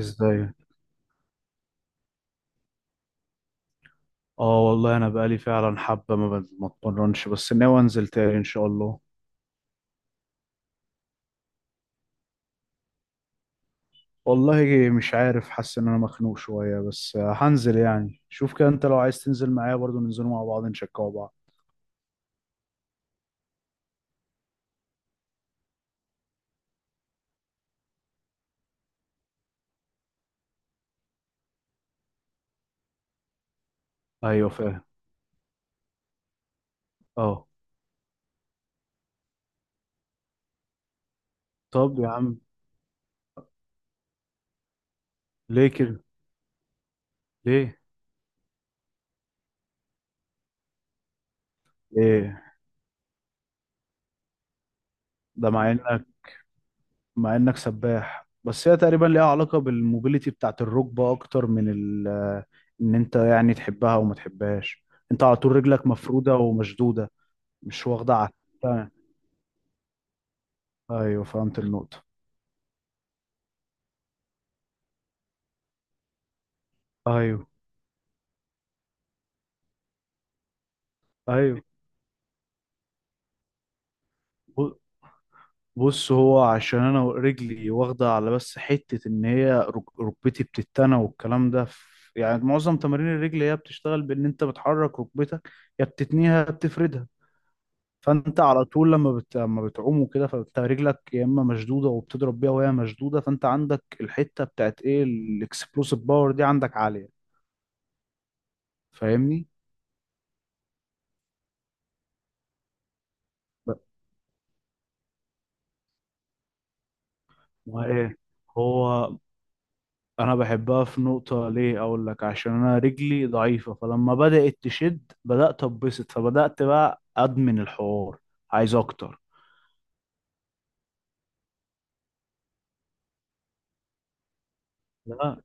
ازاي؟ اه، والله انا بقالي فعلا حبه ما اتمرنش، بس ناوي انزل تاني ان شاء الله. والله مش عارف، حاسس ان انا مخنوق شويه، بس هنزل يعني. شوف كده، انت لو عايز تنزل معايا برضو ننزلوا مع بعض نشجعوا بعض. ايوه، فاهم. اه. طب يا عم. ليه كده؟ ليه؟ ليه؟ ده مع انك مع انك سباح، بس هي تقريبا ليها علاقه بالموبيليتي بتاعت الركبه اكتر من ان انت يعني تحبها وما تحبهاش. انت على طول رجلك مفروده ومشدوده. مش واخده على. ايوه، فهمت النقطة. ايوه، ايوه. ب- بص، هو عشان انا رجلي واخدة على، بس حتة ان هي ركبتي بتتنى والكلام ده، يعني معظم تمارين الرجل هي بتشتغل بان انت بتحرك ركبتك، يا بتتنيها يا بتفردها. فانت على طول لما بتعوم وكده، فانت رجلك يا اما مشدودة وبتضرب بيها وهي مشدودة، فانت عندك الحتة بتاعت ايه، الاكسبلوسيف باور دي عندك عالية. فاهمني؟ ب- ما ايه، هو انا بحبها في نقطة، ليه؟ اقول لك، عشان انا رجلي ضعيفة، فلما بدأت تشد بدأت اتبسط فبدأت بقى ادمن الحوار. عايز اكتر. لا،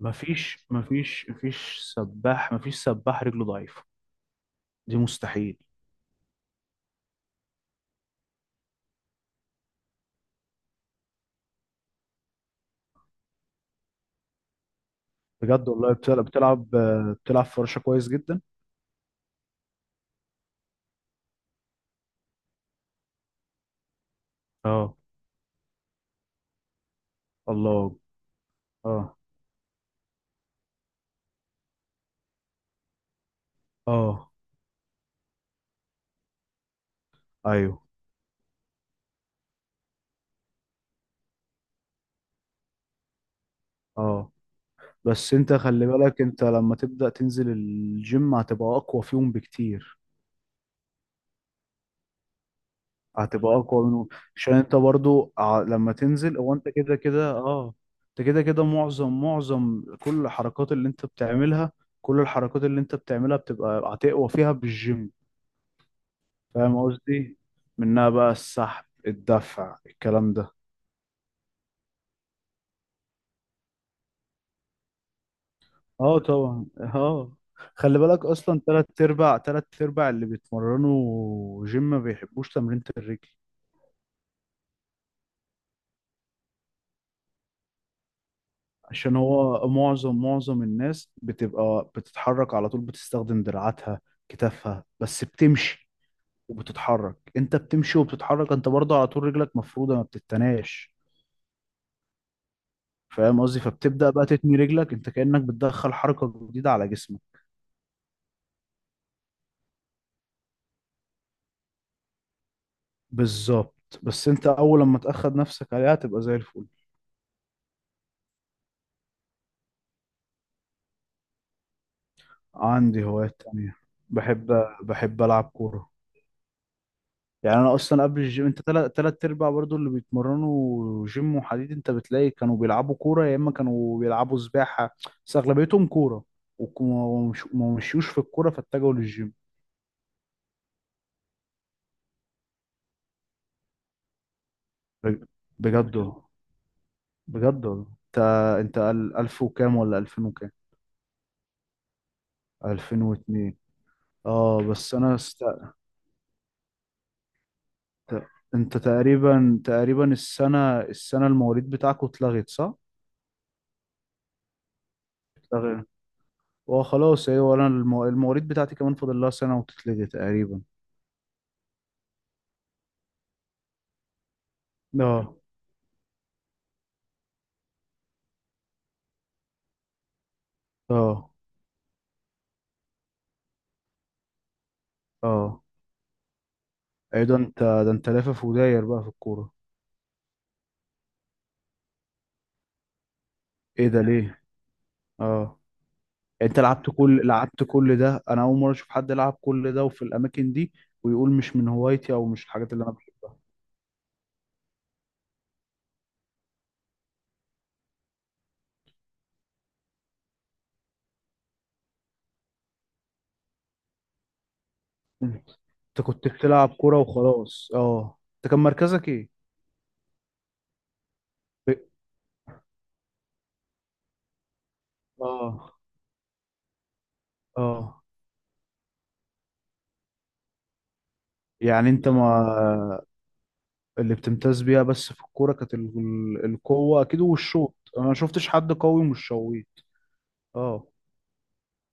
مفيش، مفيش، مفيش سباح، مفيش سباح رجله ضعيفة. دي مستحيل. بجد والله، بتلعب بتلعب فراشة كويس جدا. اه، الله، اه، اه، ايوه، اه. بس انت خلي بالك، انت لما تبدأ تنزل الجيم هتبقى اقوى فيهم بكتير. هتبقى اقوى منهم. عشان انت برضو لما تنزل، هو انت كده كده اه. انت كده كده معظم كل الحركات اللي انت بتعملها بتبقى هتقوى فيها بالجيم. فاهم قصدي؟ منها بقى السحب، الدفع، الكلام ده. اه، طبعا، اه. خلي بالك اصلا، تلات ارباع اللي بيتمرنوا جيم ما بيحبوش تمرينة الرجل. عشان هو معظم الناس بتبقى بتتحرك على طول، بتستخدم دراعاتها، كتافها، بس بتمشي. وبتتحرك، انت بتمشي وبتتحرك، انت برضه على طول رجلك مفروده ما بتتناش. فاهم قصدي؟ فبتبدا بقى تتني رجلك، انت كانك بتدخل حركه جديده على جسمك. بالظبط، بس انت اول لما تاخد نفسك عليها تبقى زي الفل. عندي هوايات تانية. بحب بحب العب كوره. يعني انا اصلا قبل الجيم، انت تلات ارباع برضو اللي بيتمرنوا جيم وحديد انت بتلاقي كانوا بيلعبوا كوره، يا اما كانوا بيلعبوا سباحه. بس اغلبيتهم كوره. وك- ومش- وما ما مشيوش في الكوره فاتجهوا للجيم. بج- بجد والله. بجد والله. انت انت الف وكام ولا الفين وكام؟ 2002. اه، بس انا ت- انت تقريبا السنه المواليد بتاعكوا اتلغت صح؟ اتلغت. اه، خلاص، ايوه، انا المواليد بتاعتي كمان فاضل لها سنه وتتلغي تقريبا. اه، اه، اه. ايه ده، انت لافف وداير بقى في الكورة. ايه ده؟ ليه؟ اه انت لعبت كل ده، انا اول مرة اشوف حد لعب كل ده وفي الاماكن دي، ويقول مش من هوايتي او مش الحاجات اللي انا بحبها. انت كنت بتلعب كورة وخلاص. اه، انت كان مركزك ايه؟ ب... اه، اه، يعني انت ما، اللي بتمتاز بيها بس في الكورة كانت القوة اكيد والشوط، انا ما شفتش حد قوي مش شويت. اه،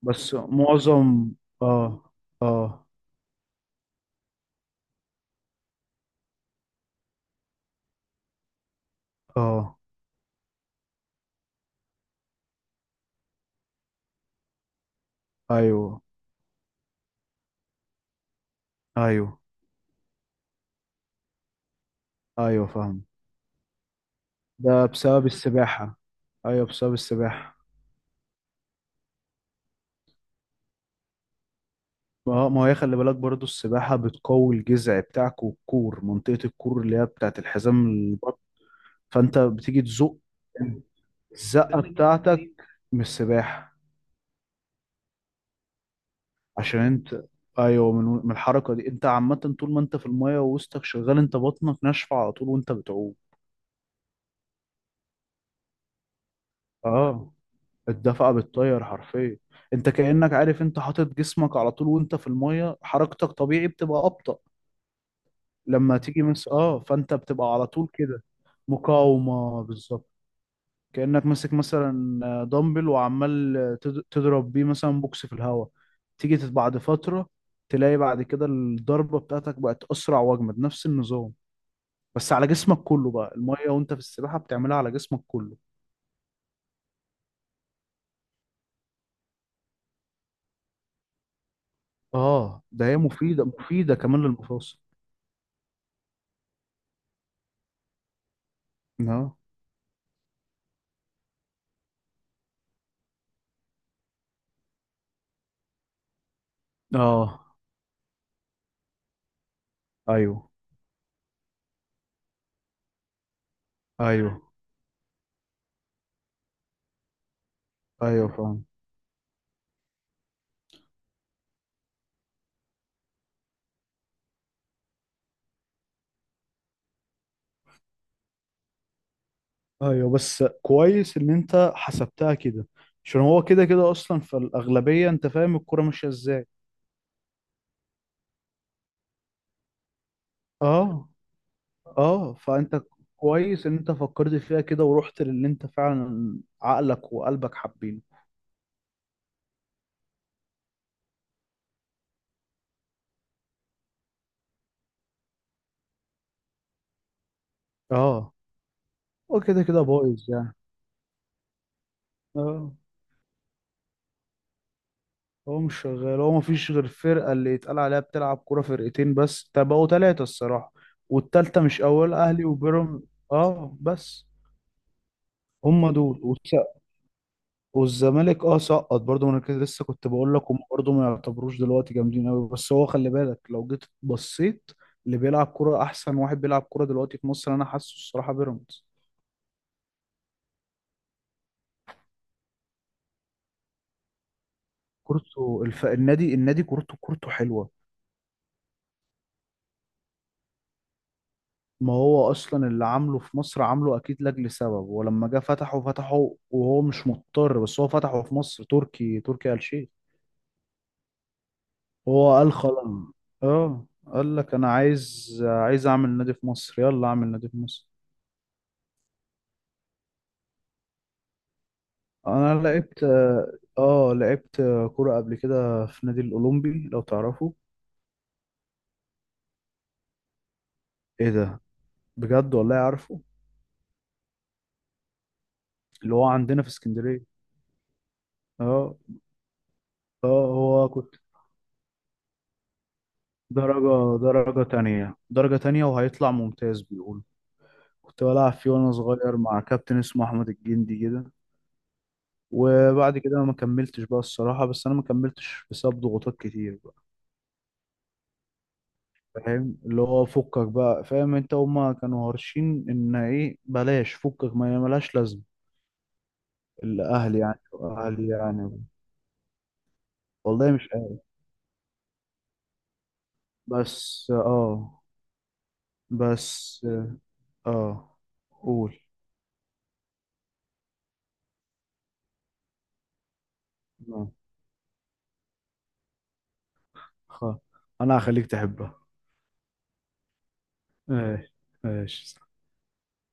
بس معظم. اه، اه، اه، ايوه، ايوه، ايوه، فاهم. ده بسبب السباحة؟ ايوه، بسبب السباحة. ما هو، ما هي، خلي بالك برضو السباحة بتقوي الجذع بتاعك، والكور، منطقة الكور اللي هي بتاعت الحزام البطن. فانت بتيجي تزق. الزقة بتاعتك من السباحة. عشان انت، ايوه، من الحركة دي انت عامة. طول ما انت في المية ووسطك شغال، انت بطنك ناشفة على طول وانت بتعوم. اه، الدفعة بتطير حرفيا. انت كأنك عارف، انت حاطط جسمك على طول وانت في المية، حركتك طبيعي بتبقى أبطأ. لما تيجي مس، اه، فانت بتبقى على طول كده، مقاومة، بالظبط. كأنك ماسك مثلا دمبل، وعمال تضرب بيه مثلا بوكس في الهواء. تيجي بعد فترة، تلاقي بعد كده الضربة بتاعتك بقت أسرع وأجمد، نفس النظام، بس على جسمك كله بقى، المية وانت في السباحة بتعملها على جسمك كله. اه، ده هي مفيدة مفيدة كمان للمفاصل. اه، اه، ايوه، ايوه، ايوه، فاهم. ايوه، بس كويس ان انت حسبتها كده. عشان هو كده كده اصلا في الاغلبيه، انت فاهم الكوره ماشيه ازاي. اه، اه، فانت كويس ان انت فكرت فيها كده، ورحت للي انت فعلا عقلك وقلبك حابينه. اه، هو كده كده بايظ يعني. اه، هو مش شغال، هو مفيش غير فرقه اللي يتقال عليها بتلعب كوره، فرقتين بس، تبقوا ثلاثه الصراحه. والتالتة مش اول، اهلي وبيراميدز. اه، بس. هم دول. والزمالك، اه سقط برضه، ما انا كده لسه كنت بقول لك هم برضه ما يعتبروش دلوقتي جامدين قوي، بس هو خلي بالك لو جيت بصيت، اللي بيلعب كرة، احسن واحد بيلعب كرة دلوقتي في مصر انا حاسه الصراحة بيراميدز. كورته النادي، كورته حلوة. ما هو اصلا اللي عامله في مصر عامله اكيد لاجل سبب، ولما جه فتحه وهو مش مضطر، بس هو فتحه في مصر، تركي آل شيخ. هو قال خلاص. اه قال لك انا عايز اعمل نادي في مصر، يلا اعمل نادي في مصر. انا لعبت كرة قبل كده في نادي الاولمبي لو تعرفه. ايه ده؟ بجد والله عارفه. اللي هو عندنا في اسكندرية. اه، اه. هو كنت درجة تانية وهيطلع ممتاز بيقول. كنت بلعب فيه وانا صغير مع كابتن اسمه احمد الجندي كده. وبعد كده ما كملتش بقى الصراحة، بس انا ما كملتش بسبب ضغوطات كتير بقى. فاهم، اللي هو فكك بقى، فاهم انت، هما كانوا هارشين، ان ايه بلاش، فكك ما ملهاش لازمة. الأهل يعني، وأهلي يعني. والله مش عارف. بس آه بس آه قول. آه. خ- أنا هخليك تحبها. ماشي. ماشي.